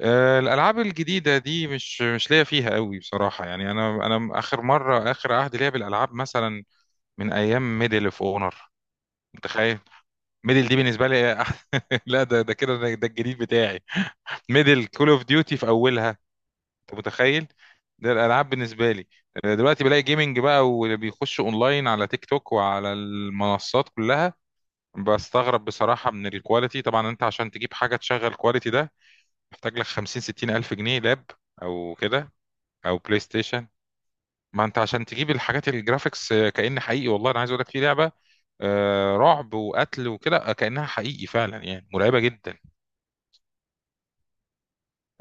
الالعاب الجديده دي مش ليا فيها قوي بصراحه. يعني انا اخر مره، اخر عهد ليا بالالعاب مثلا من ايام ميدل اوف اونر. متخيل؟ ميدل دي بالنسبه لي لا، ده كده، ده الجديد بتاعي. ميدل كول اوف ديوتي في اولها. انت متخيل؟ ده الالعاب بالنسبه لي. دلوقتي بلاقي جيمنج بقى، واللي بيخش اونلاين على تيك توك وعلى المنصات كلها. بستغرب بصراحه من الكواليتي. طبعا انت عشان تجيب حاجه تشغل الكواليتي ده محتاج لك 50 60 الف جنيه لاب او كده، او بلاي ستيشن. ما انت عشان تجيب الحاجات الجرافيكس كأن حقيقي. والله انا عايز اقول لك في لعبه رعب وقتل وكده، كأنها حقيقي فعلا، يعني مرعبه جدا.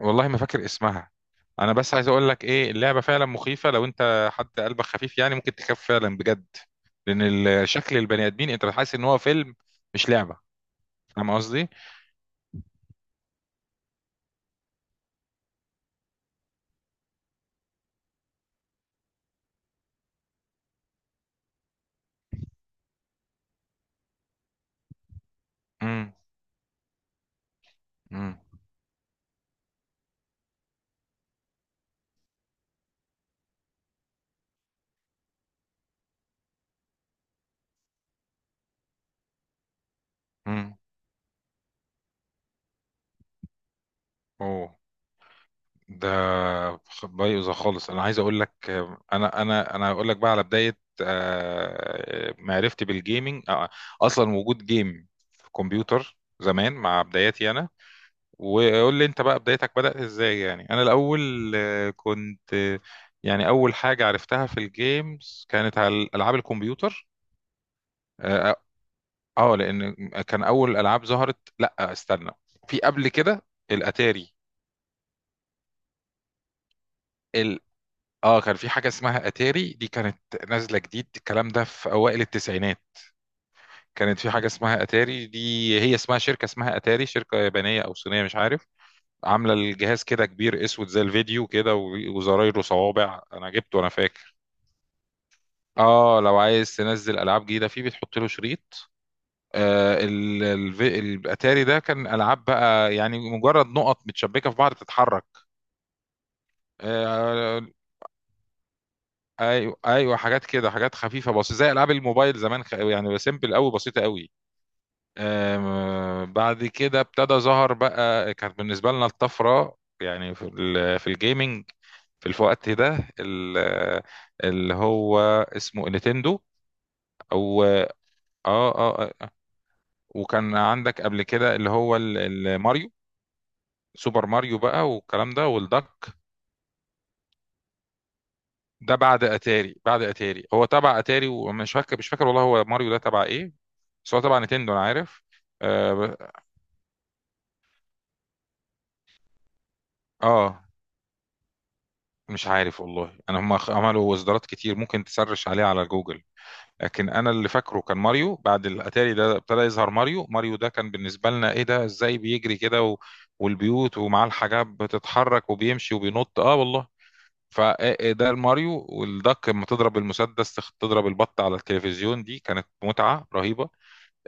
والله ما فاكر اسمها. انا بس عايز اقول لك ايه، اللعبه فعلا مخيفه. لو انت حد قلبك خفيف يعني ممكن تخاف فعلا بجد، لان شكل البني ادمين انت حاسس ان هو فيلم مش لعبه. فاهم قصدي؟ امم. امم. امم. اوه. ده بايظه خالص. انا عايز اقول لك انا، انا هقول لك بقى على بدايه معرفتي بالجيمنج. اصلا وجود جيم في كمبيوتر زمان مع بداياتي انا. وقول لي انت بقى بدايتك بدات ازاي. يعني انا الاول كنت، يعني اول حاجه عرفتها في الجيمز كانت على العاب الكمبيوتر. اه. لان كان اول العاب ظهرت، لا استنى، في قبل كده الاتاري. اه، كان في حاجة اسمها اتاري، دي كانت نازلة جديد. الكلام ده في اوائل التسعينات. كانت في حاجة اسمها اتاري دي. هي اسمها شركة، اسمها اتاري، شركة يابانية او صينية مش عارف. عاملة الجهاز كده كبير اسود زي الفيديو كده، وزرايره صوابع. انا جبته، انا فاكر. اه، لو عايز تنزل العاب جديدة فيه بتحط له شريط. الاتاري ده كان العاب بقى، يعني مجرد نقط متشبكة في بعض تتحرك. آه، ايوه ايوه، حاجات كده، حاجات خفيفه بس زي العاب الموبايل زمان. يعني سيمبل قوي، بسيطه قوي. بعد كده ابتدى ظهر بقى، كانت بالنسبه لنا الطفره يعني في الجيمنج. في الوقت ده اللي هو اسمه نينتندو. او، اه. اه، آه. وكان عندك قبل كده اللي هو الماريو، سوبر ماريو بقى والكلام ده والدك. ده بعد اتاري، هو تبع اتاري، ومش فاكر مش فاكر والله، هو ماريو ده تبع ايه. بس هو طبعا نتندو انا عارف. اه، آه، مش عارف والله، انا هم عملوا اصدارات كتير، ممكن تسرش عليها على جوجل. لكن انا اللي فاكره كان ماريو. بعد الاتاري ده ابتدى يظهر ماريو. ماريو ده كان بالنسبه لنا ايه ده، ازاي بيجري كده والبيوت ومعاه الحاجات بتتحرك، وبيمشي وبينط. اه والله. فده الماريو. والدك لما تضرب المسدس، تضرب البط على التلفزيون، دي كانت متعه رهيبه.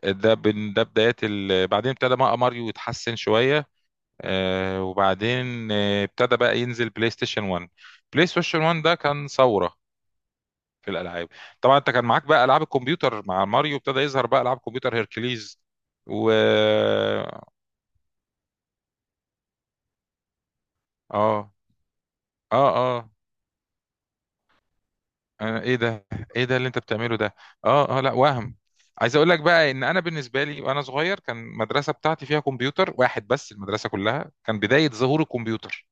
ده بدايات بعدين ابتدى بقى ماريو يتحسن شويه. وبعدين ابتدى بقى ينزل بلاي ستيشن 1. بلاي ستيشن 1 ده كان ثورة في الألعاب. طبعا انت كان معاك بقى ألعاب الكمبيوتر. مع ماريو ابتدى يظهر بقى ألعاب كمبيوتر، هيركليز و... اه. اه. اه. ايه ده، ايه ده اللي انت بتعمله ده. اه. اه. لا، وهم. عايز اقول لك بقى ان انا بالنسبه لي وانا صغير، كان المدرسه بتاعتي فيها كمبيوتر واحد بس، المدرسه كلها. كان بدايه ظهور الكمبيوتر.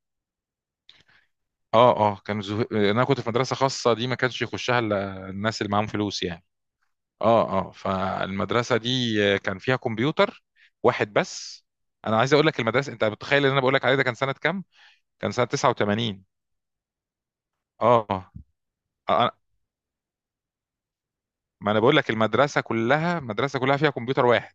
اه اه. كان انا كنت في مدرسه خاصه، دي ما كانش يخشها الا الناس اللي معاهم فلوس يعني. اه اه، فالمدرسه دي كان فيها كمبيوتر واحد بس. انا عايز اقول لك، المدرسه، انت متخيل اللي انا بقول لك عليه ده كان سنه كام؟ كان سنه 89. اه. آه، ما انا بقول لك، المدرسه كلها، المدرسه كلها فيها كمبيوتر واحد.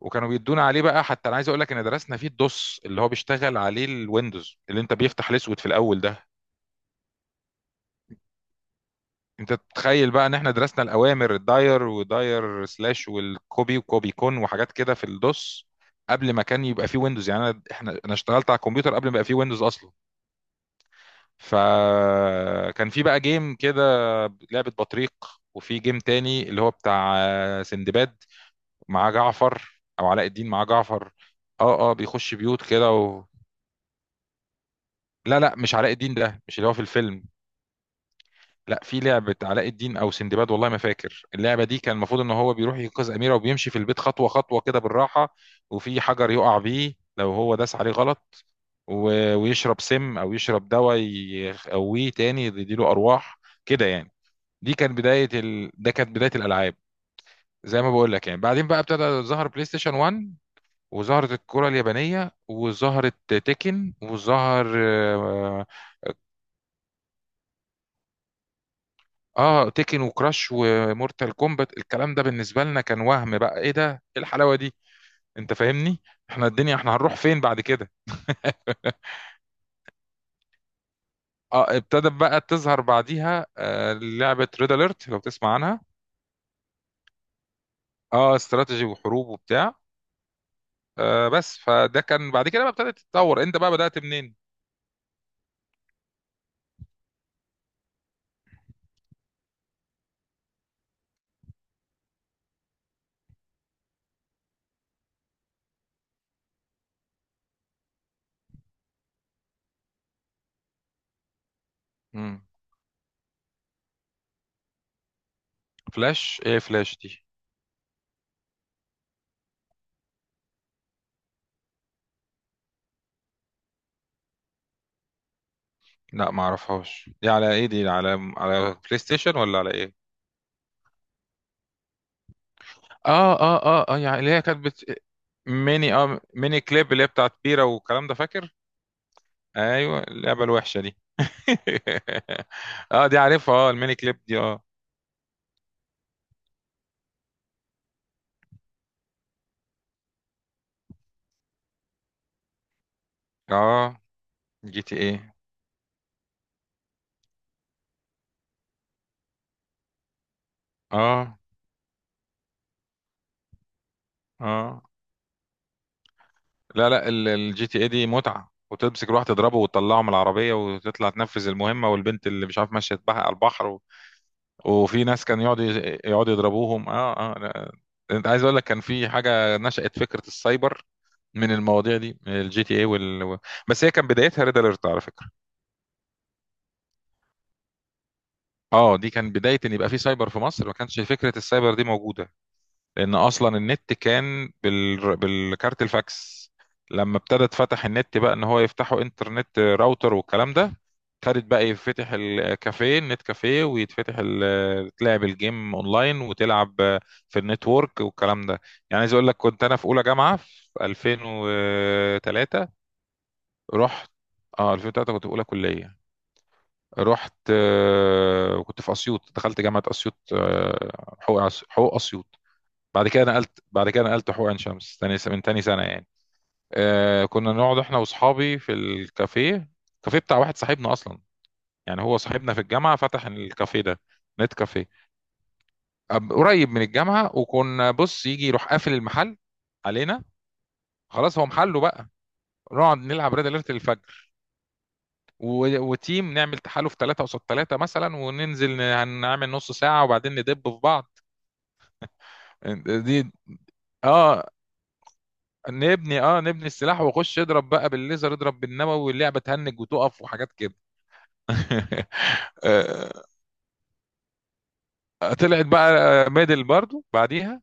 وكانوا بيدونا عليه بقى. حتى انا عايز اقول لك ان درسنا فيه الدوس، اللي هو بيشتغل عليه الويندوز، اللي انت بيفتح الاسود في الاول ده. انت تتخيل بقى ان احنا درسنا الاوامر، الداير وداير سلاش والكوبي وكوبي كون وحاجات كده في الدوس، قبل ما كان يبقى فيه ويندوز. يعني انا، انا اشتغلت على الكمبيوتر قبل ما يبقى فيه ويندوز اصلا. فكان في بقى جيم كده، لعبة بطريق. وفي جيم تاني اللي هو بتاع سندباد مع جعفر، او علاء الدين مع جعفر. اه اه، بيخش بيوت كده لا لا، مش علاء الدين، ده مش اللي هو في الفيلم. لا، في لعبة علاء الدين أو سندباد والله ما فاكر اللعبة دي. كان المفروض إن هو بيروح ينقذ أميرة، وبيمشي في البيت خطوة خطوة كده بالراحة. وفي حجر يقع بيه لو هو داس عليه غلط، ويشرب سم أو يشرب دواء يقويه تاني، يديله أرواح كده يعني. دي كانت بداية ده كانت بداية الألعاب. زي ما بقول لك يعني. بعدين بقى ابتدى ظهر بلاي ستيشن 1، وظهرت الكرة اليابانية، وظهرت تيكن، وظهر آه، اه تيكن وكراش ومورتال كومبات. الكلام ده بالنسبه لنا كان وهم بقى، ايه ده، ايه الحلاوه دي. انت فاهمني. احنا الدنيا، احنا هنروح فين بعد كده؟ اه، ابتدت بقى تظهر بعديها لعبه ريد اليرت لو تسمع عنها. اه، استراتيجي وحروب وبتاع. بس فده كان بعد كده بقى ابتدت تتطور. انت بقى بدأت منين؟ مم. فلاش ايه، فلاش دي؟ لا ما اعرفهاش. دي على ايه، دي على، بلاي ستيشن ولا على ايه؟ اه اه اه اه، يعني اللي هي ميني كليب اللي هي بتاعت بيرة والكلام ده، فاكر؟ ايوه، اللعبه الوحشه دي. اه دي عارفها، اه، الميني كليب دي. اه. اه، جي تي ايه. اه اه، لا لا، الجي تي ايه دي متعه، وتمسك روح تضربه وتطلعه من العربيه، وتطلع تنفذ المهمه، والبنت اللي مش عارف ماشيه بحق على البحر وفي ناس كان يقعد يقعدوا يضربوهم. اه اه. لا. انت عايز اقول لك، كان في حاجه نشأت فكره السايبر من المواضيع دي، من الجي تي اي بس هي كان بدايتها ريد اليرت على فكره. اه، دي كان بداية ان يبقى في سايبر في مصر. ما كانش فكرة السايبر دي موجودة، لان اصلا النت كان بالكارت الفاكس. لما ابتدى اتفتح النت بقى، ان هو يفتحوا انترنت راوتر والكلام ده، ابتدت بقى يفتح الكافيه، النت كافيه، ويتفتح تلعب الجيم اونلاين، وتلعب في النتورك والكلام ده. يعني عايز اقول لك، كنت انا في اولى جامعة في 2003. رحت. اه، 2003 كنت في اولى كلية. رحت، وكنت في اسيوط، دخلت جامعه اسيوط. حقوق، حقوق اسيوط. بعد كده نقلت، حقوق عين شمس تاني من تاني سنه يعني. كنا نقعد احنا واصحابي في الكافيه. الكافيه بتاع واحد صاحبنا اصلا. يعني هو صاحبنا في الجامعه، فتح الكافيه ده، نت كافيه قريب من الجامعه. وكنا بص يجي يروح قافل المحل علينا، خلاص هو محله بقى. نقعد نلعب ريد اليرت الفجر وتيم، نعمل تحالف ثلاثة قصاد ثلاثة مثلا، وننزل، هنعمل نص ساعة، وبعدين ندب في بعض. دي، اه، نبني السلاح، واخش اضرب بقى بالليزر، اضرب بالنووي، واللعبه تهنج وتقف وحاجات كده. آه، طلعت بقى ميدل برضو بعديها.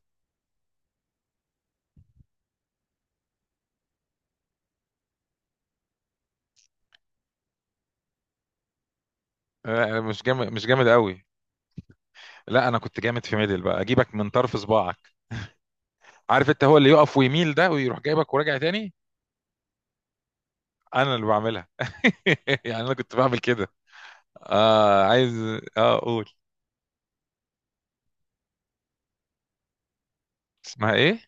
أنا مش جامد، مش جامد قوي. لا، انا كنت جامد في ميدل بقى، اجيبك من طرف صباعك. عارف انت هو اللي يقف ويميل ده، ويروح جايبك وراجع تاني. انا اللي بعملها. يعني انا كنت بعمل كده. اه، عايز. اه، اقول. اسمها ايه؟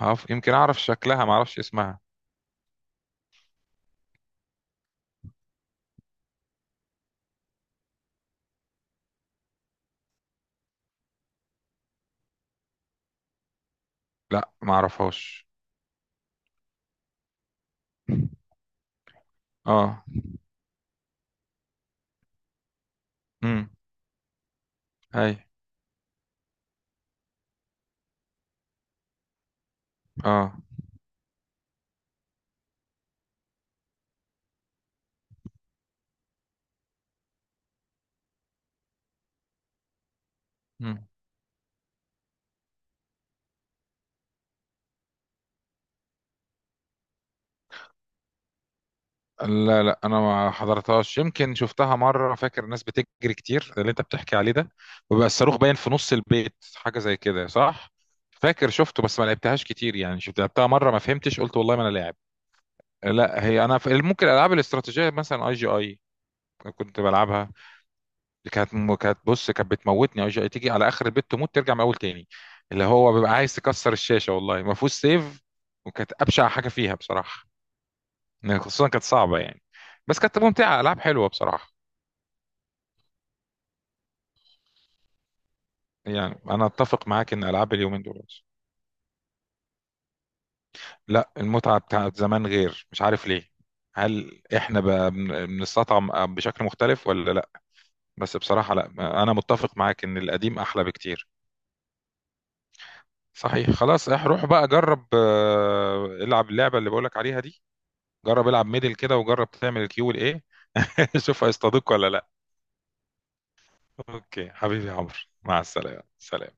عارف يمكن اعرف شكلها، ما اعرفش اسمها. لا، ما اعرفهاش. اه. امم. اي. اه. مم. لا لا، انا ما حضرتهاش. يمكن شفتها مره، فاكر الناس بتجري كتير اللي انت بتحكي عليه ده، وبقى الصاروخ باين في نص البيت، حاجه زي كده، صح؟ فاكر شفته بس ما لعبتهاش كتير يعني، شفت لعبتها مره ما فهمتش، قلت والله ما انا لاعب. لا هي، انا في ممكن العاب الاستراتيجيه مثلا اي جي اي كنت بلعبها. كانت، بص، كانت بتموتني. اي جي اي تيجي على اخر البيت تموت، ترجع من اول تاني. اللي هو بيبقى عايز تكسر الشاشه، والله ما فيهوش سيف. وكانت ابشع حاجه فيها بصراحه. يعني خصوصا كانت صعبة يعني، بس كانت ممتعة، ألعاب حلوة بصراحة. يعني أنا أتفق معاك إن ألعاب اليومين دول، لا، المتعة بتاعت زمان غير، مش عارف ليه. هل إحنا بقى بنستطعم بشكل مختلف ولا لا؟ بس بصراحة لا. أنا متفق معاك إن القديم أحلى بكتير. صحيح. خلاص، روح بقى جرب، العب اللعبة اللي بقولك عليها دي. جرب العب ميدل كده، وجرب تعمل الكيو والإيه. شوف هيصطادوك ولا لا. أوكي حبيبي يا عمرو، مع السلامة، سلام.